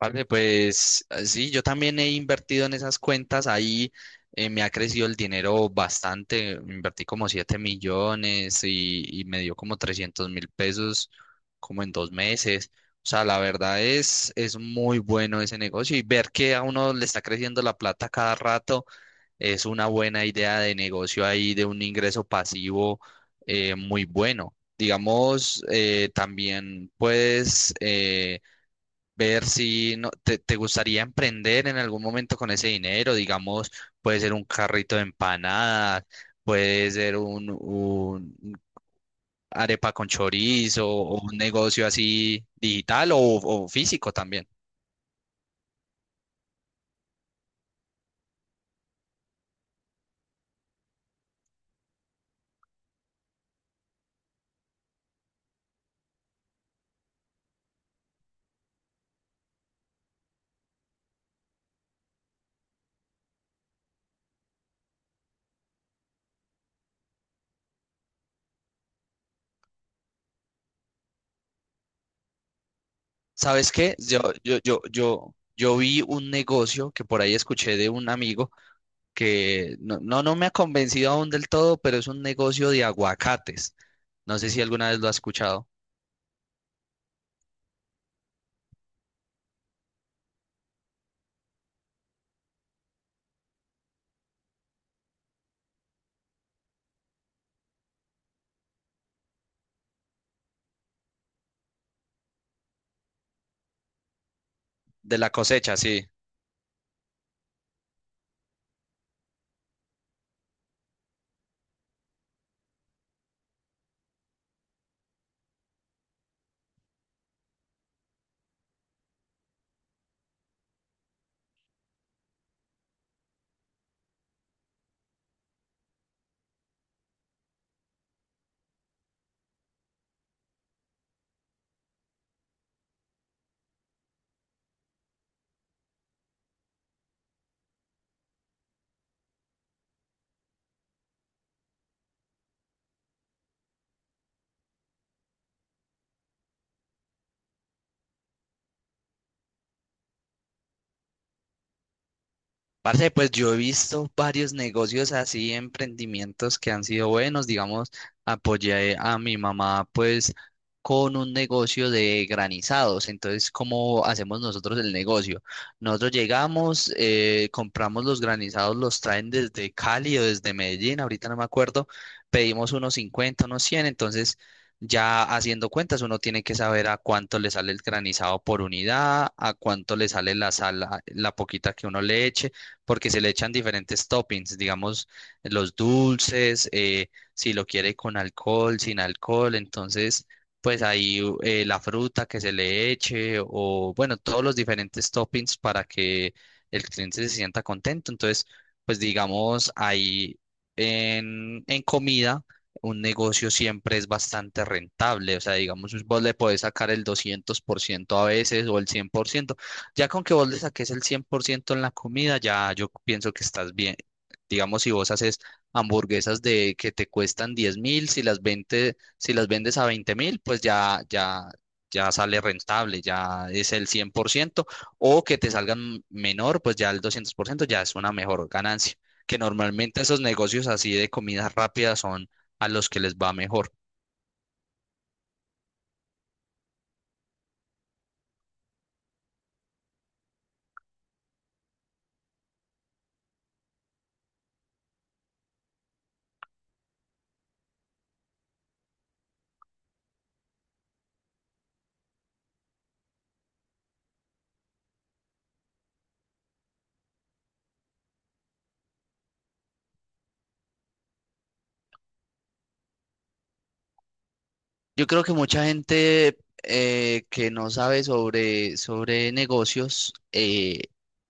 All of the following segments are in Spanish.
Vale, pues sí, yo también he invertido en esas cuentas, ahí me ha crecido el dinero bastante. Invertí como 7 millones y me dio como 300.000 pesos como en 2 meses. O sea, la verdad es muy bueno ese negocio, y ver que a uno le está creciendo la plata cada rato es una buena idea de negocio ahí, de un ingreso pasivo muy bueno. Digamos, también puedes ver si no, te gustaría emprender en algún momento con ese dinero. Digamos, puede ser un carrito de empanadas, puede ser un arepa con chorizo, o un negocio así digital o físico también. ¿Sabes qué? Yo vi un negocio que por ahí escuché de un amigo, que no me ha convencido aún del todo, pero es un negocio de aguacates. No sé si alguna vez lo has escuchado. De la cosecha, sí. Parce, pues yo he visto varios negocios así, emprendimientos que han sido buenos. Digamos, apoyé a mi mamá pues con un negocio de granizados. Entonces, ¿cómo hacemos nosotros el negocio? Nosotros llegamos, compramos los granizados, los traen desde Cali o desde Medellín, ahorita no me acuerdo. Pedimos unos 50, unos 100. Entonces, ya haciendo cuentas, uno tiene que saber a cuánto le sale el granizado por unidad, a cuánto le sale la sal, la poquita que uno le eche, porque se le echan diferentes toppings. Digamos, los dulces, si lo quiere con alcohol, sin alcohol. Entonces, pues ahí la fruta que se le eche, o bueno, todos los diferentes toppings para que el cliente se sienta contento. Entonces, pues digamos, ahí en comida un negocio siempre es bastante rentable. O sea, digamos, vos le podés sacar el 200% a veces, o el 100%. Ya con que vos le saques el 100% en la comida, ya yo pienso que estás bien. Digamos, si vos haces hamburguesas de que te cuestan 10.000, si las vendes a 20.000, pues ya sale rentable, ya es el 100%. O que te salgan menor, pues ya el 200% ya es una mejor ganancia, que normalmente esos negocios así de comidas rápidas son a los que les va mejor. Yo creo que mucha gente que no sabe sobre negocios,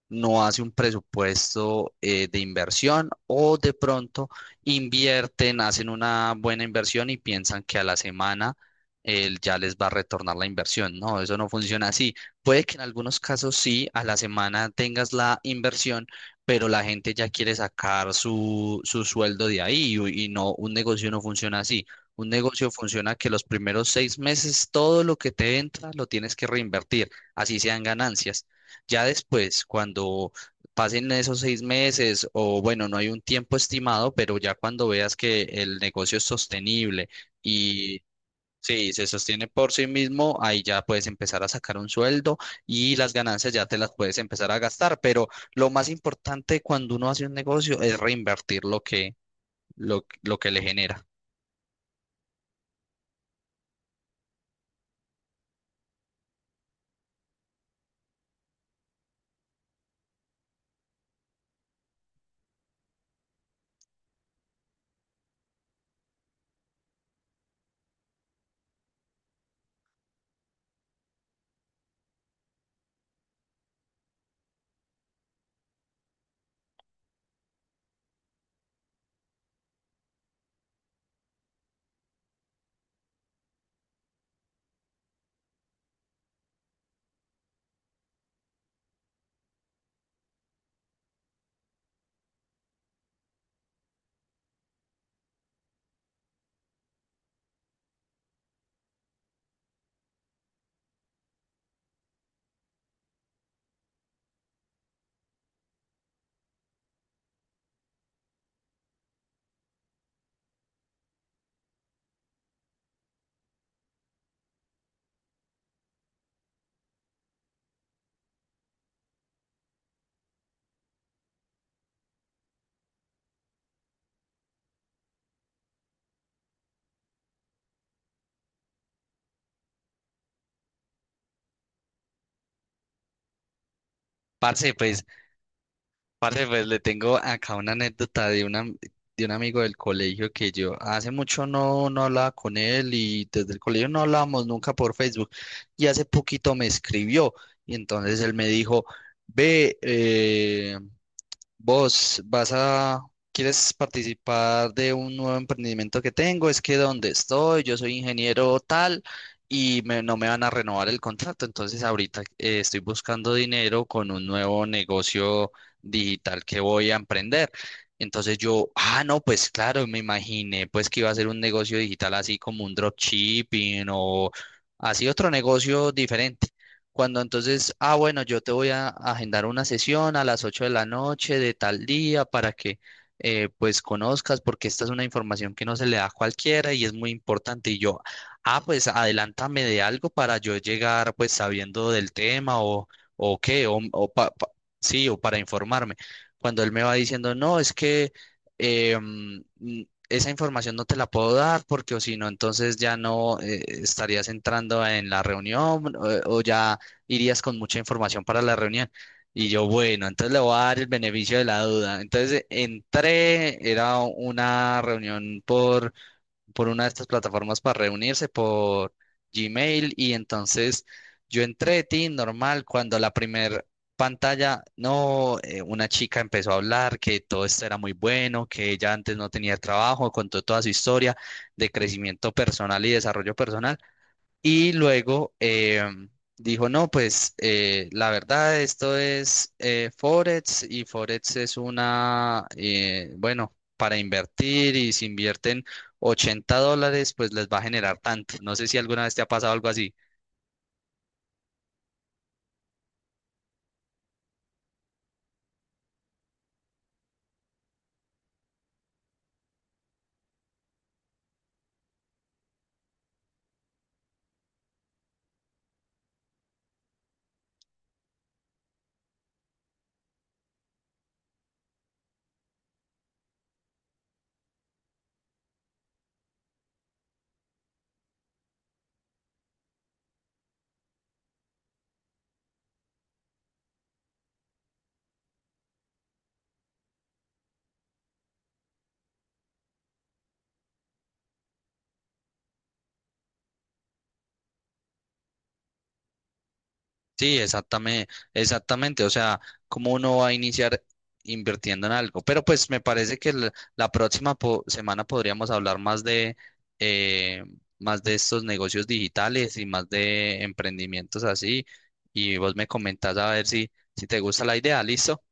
no hace un presupuesto de inversión, o de pronto invierten, hacen una buena inversión y piensan que a la semana ya les va a retornar la inversión. No, eso no funciona así. Puede que en algunos casos sí, a la semana tengas la inversión, pero la gente ya quiere sacar su sueldo de ahí y no, un negocio no funciona así. Un negocio funciona que los primeros 6 meses todo lo que te entra lo tienes que reinvertir, así sean ganancias. Ya después, cuando pasen esos 6 meses, o bueno, no hay un tiempo estimado, pero ya cuando veas que el negocio es sostenible y sí, se sostiene por sí mismo, ahí ya puedes empezar a sacar un sueldo, y las ganancias ya te las puedes empezar a gastar. Pero lo más importante cuando uno hace un negocio es reinvertir lo que, lo que le genera. Parce, pues Parce, pues le tengo acá una anécdota de una, de un amigo del colegio, que yo hace mucho no hablaba con él, y desde el colegio no hablábamos nunca por Facebook. Y hace poquito me escribió, y entonces él me dijo: ve, Vos vas a, ¿quieres participar de un nuevo emprendimiento que tengo? Es que donde estoy, yo soy ingeniero tal, y no me van a renovar el contrato. Entonces, ahorita estoy buscando dinero con un nuevo negocio digital que voy a emprender. Entonces yo: ah, no, pues claro, me imaginé pues que iba a ser un negocio digital así como un dropshipping, o así otro negocio diferente. Cuando, entonces: ah, bueno, yo te voy a agendar una sesión a las 8 de la noche de tal día para que pues conozcas, porque esta es una información que no se le da a cualquiera y es muy importante. Y yo: ah, pues adelántame de algo para yo llegar pues sabiendo del tema, o qué, o pa- pa- sí, o para informarme. Cuando él me va diciendo: no, es que eh, mm, mm, esa información no te la puedo dar, porque, o si no, entonces ya no estarías entrando en la reunión, o ya irías con mucha información para la reunión. Y yo: bueno, entonces le voy a dar el beneficio de la duda. Entonces, entré. Era una reunión por una de estas plataformas para reunirse, por Gmail. Y entonces yo entré, tin, normal, cuando la primer pantalla, no, una chica empezó a hablar, que todo esto era muy bueno, que ella antes no tenía trabajo. Contó toda su historia de crecimiento personal y desarrollo personal. Y luego dijo: no, pues la verdad, esto es Forex, y Forex es una, bueno, para invertir, y si invierten $80, pues les va a generar tanto. No sé si alguna vez te ha pasado algo así. Sí, exactamente, exactamente. O sea, cómo uno va a iniciar invirtiendo en algo. Pero pues me parece que la próxima semana podríamos hablar eh, más de estos negocios digitales y más de emprendimientos así. Y vos me comentás a ver si te gusta la idea. ¿Listo?